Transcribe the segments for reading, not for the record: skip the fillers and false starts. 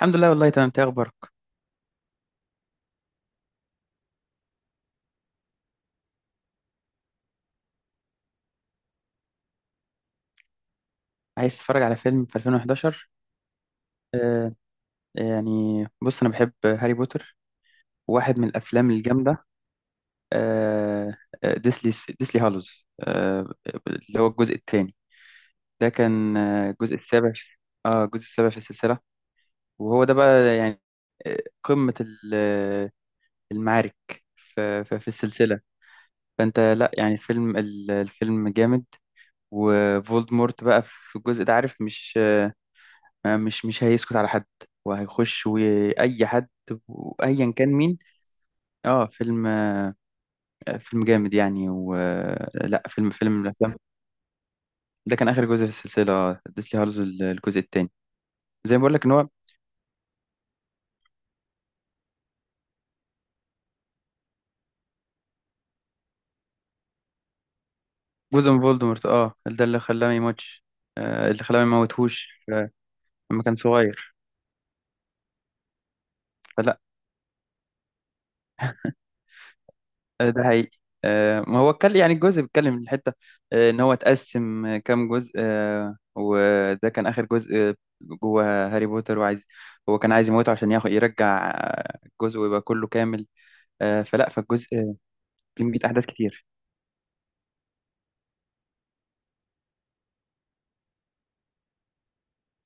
الحمد لله، والله تمام. إنت إيه اخبارك؟ عايز تتفرج على فيلم في 2011؟ آه. يعني بص، انا بحب هاري بوتر. واحد من الافلام الجامده. آه. آه، ديسلي ديسلي هالوز اللي هو الجزء الثاني. ده كان الجزء السابع في. اه الجزء السابع في السلسله. وهو ده بقى، يعني آه، قمه المعارك في السلسله. فانت، لا يعني، فيلم، الفيلم جامد. وفولدمورت بقى في الجزء ده، عارف، مش، مش هيسكت على حد، وهيخش وأي حد، وأيا كان مين. اه فيلم، فيلم جامد يعني. و آه، لا، فيلم، من الأفلام. ده كان آخر جزء في السلسلة، ديسلي هارز، الجزء التاني. زي ما بقول لك إن هو جزء من فولدمورت. اه ده اللي خلاه ما يموتش. اللي خلاه ما يموتهوش. آه. لما كان صغير. آه. ده حقيقي. ما هو اتكلم، يعني الجزء بيتكلم من الحتة إن هو اتقسم كام جزء، وده كان آخر جزء. آه. جوه هاري بوتر. وعايز، هو كان عايز يموته عشان ياخد، يرجع الجزء، ويبقى كله كامل. فلا، فالجزء كان بيت أحداث كتير.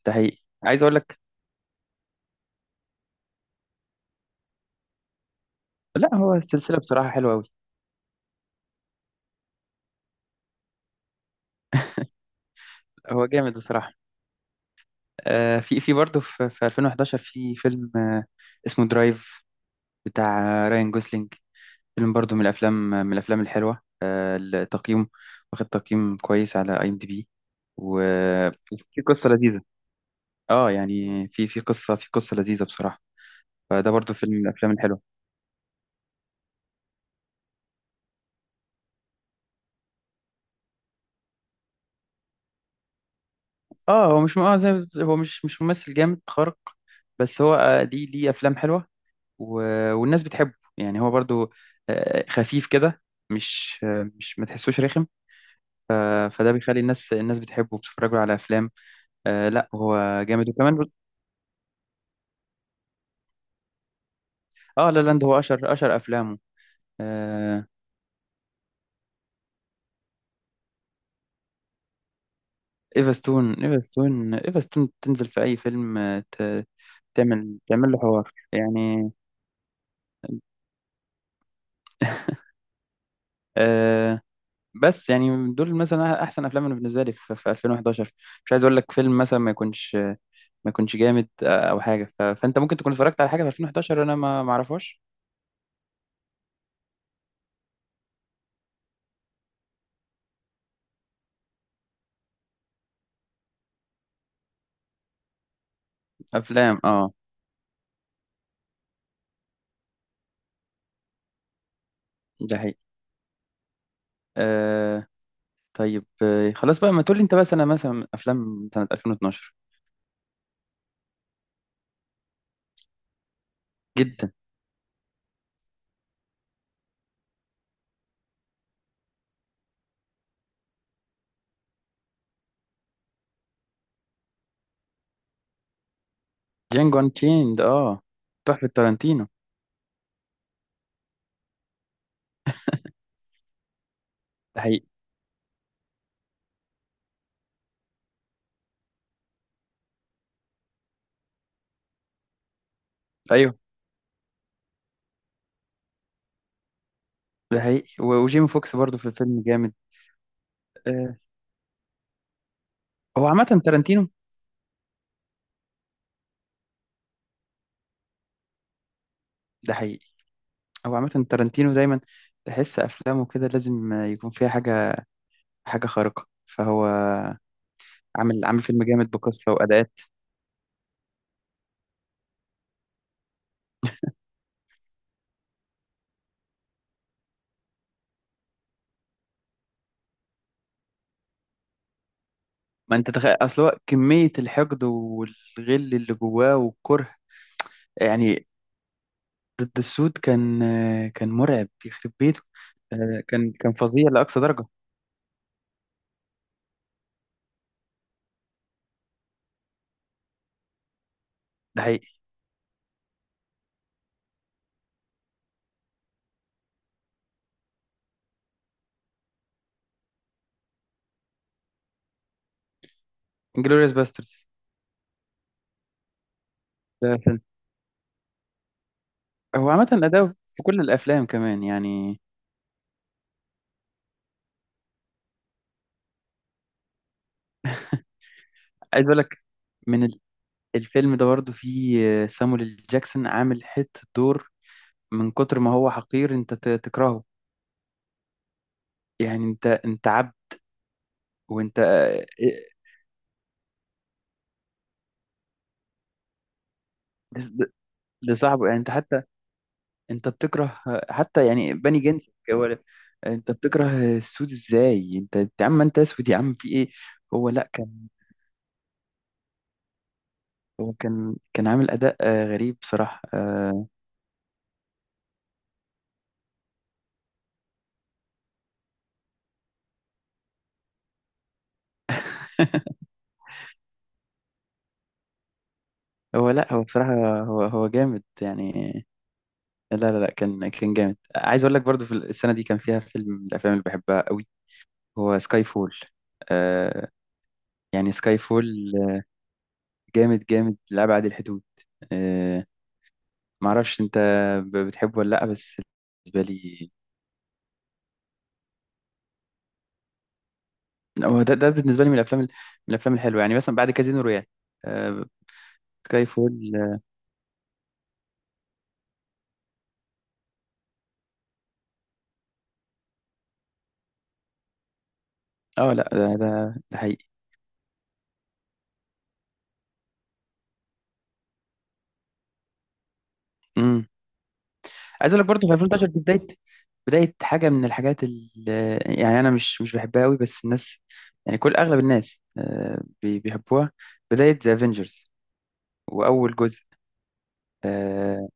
ده حقيقي. عايز أقول لك. لا، هو السلسلة بصراحة حلوة أوي. هو جامد بصراحة. في برضه، في 2011 في فيلم اسمه درايف، بتاع راين جوسلينج. فيلم برضو من الافلام، الحلوه. التقييم، واخد تقييم كويس على IMDB. وفي قصه لذيذه. اه يعني في، في قصه لذيذه بصراحه. فده برضو فيلم من الافلام الحلوه. اه هو مش، زي ما هو مش ممثل جامد خارق. بس هو، ليه، افلام حلوه. والناس بتحبه، يعني هو برضو خفيف كده. مش، مش ما تحسوش رخم. ف- فده بيخلي الناس، بتحبه، وبتتفرج له على افلام. آه، لا، هو جامد. وكمان اه لا لاند، هو اشهر، افلامه. آه، ايفا ستون، ايفا ستون، ايفا ستون تنزل في اي فيلم، تعمل، له حوار يعني. آه. بس يعني، دول مثلا احسن افلام، أنا بالنسبه لي في 2011. مش عايز اقول لك فيلم مثلا ما يكونش، جامد، او حاجه. فانت ممكن تكون اتفرجت على حاجه في 2011 انا، ما اعرفهاش. افلام. اه. ده حقيقي. آه. طيب، آه، خلاص بقى. ما تقول لي انت بقى سنه، مثلا افلام سنه 2012. جدا. جانجو انشيند. اه، تحفه تارانتينو. ده حقيقي. ايوه. ده حقيقي. وجيمي فوكس برضه في الفيلم جامد. آه. هو عامة تارانتينو. ده حقيقي. هو عامة تارانتينو دايما تحس أفلامه كده، لازم يكون فيها حاجة، حاجة خارقة. فهو عامل، فيلم جامد بقصة وأداءات. ما أنت تخيل، أصل هو كمية الحقد والغل اللي جواه والكره. يعني ضد السود، كان، كان مرعب يخرب بيته. كان فظيع لأقصى درجة. ده حقيقي. انجلوريوس باسترز. ده فيلم. هو عامة أداؤه في كل الأفلام كمان يعني. عايز أقول لك، من الفيلم ده برضو فيه سامويل ال جاكسون عامل حتة دور. من كتر ما هو حقير، انت تكرهه. يعني انت، عبد. وانت، آه، إيه، ل- لصاحبه. يعني انت حتى، انت بتكره حتى يعني بني جنسك هو. انت بتكره السود ازاي؟ انت، يا عم، انت اسود يا عم، في ايه؟ هو لا كان، هو كان، عامل اداء غريب بصراحة. آه. هو لا، هو بصراحة، هو، جامد يعني. لا لا لا، كان، جامد. عايز اقول لك، برضو في السنة دي كان فيها فيلم من الافلام اللي بحبها قوي. هو سكاي فول. آه. يعني سكاي فول جامد، جامد لأبعد الحدود. آه. معرفش انت بتحبه ولا لأ. بس بالنسبة لي هو، ده بالنسبة لي من الأفلام، من الأفلام الحلوة. يعني مثلا بعد كازينو رويال، آه، سكاي فول. لا، ده، ده حقيقي. امم. عايز اقول لك، برضه في 2013 دي بداية، حاجة من الحاجات اللي، يعني أنا، مش بحبها قوي. بس الناس، يعني كل، أغلب الناس بيحبوها. بداية ذا افنجرز، وأول جزء. آه،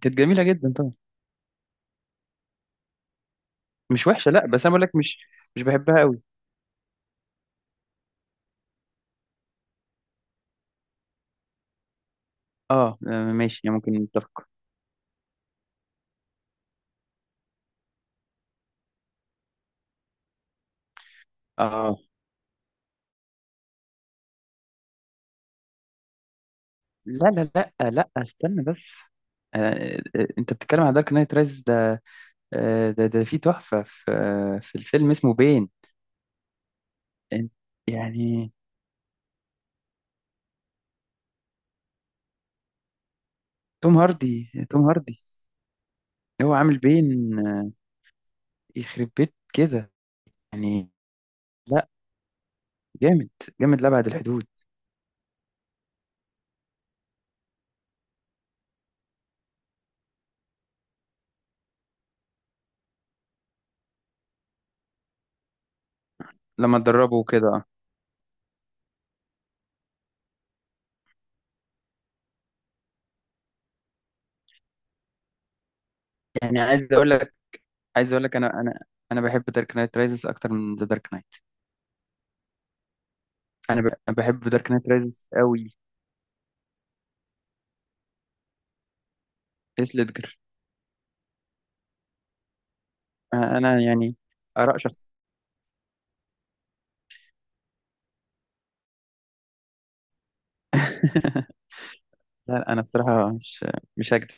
كانت جميله جدا طبعا. مش وحشه، لا. بس انا بقول لك، مش بحبها قوي. ماشي، يعني ممكن نتفق. اه، لا لا لا لا، استنى بس. انت بتتكلم عن دارك نايت رايز ده؟ آه، ده، في تحفه، في الفيلم اسمه بين. إن- يعني توم هاردي. توم هاردي هو عامل بين، آه، يخرب بيت كده يعني. لا، جامد، جامد لأبعد الحدود. لما تدربه كده، يعني. عايز اقول لك، انا، انا بحب دارك نايت رايزز اكتر من ذا دارك نايت. انا بحب دارك نايت رايزز قوي. هيث ليدجر. انا، يعني اراء شخص. لا لا، انا بصراحه مش، هكدب.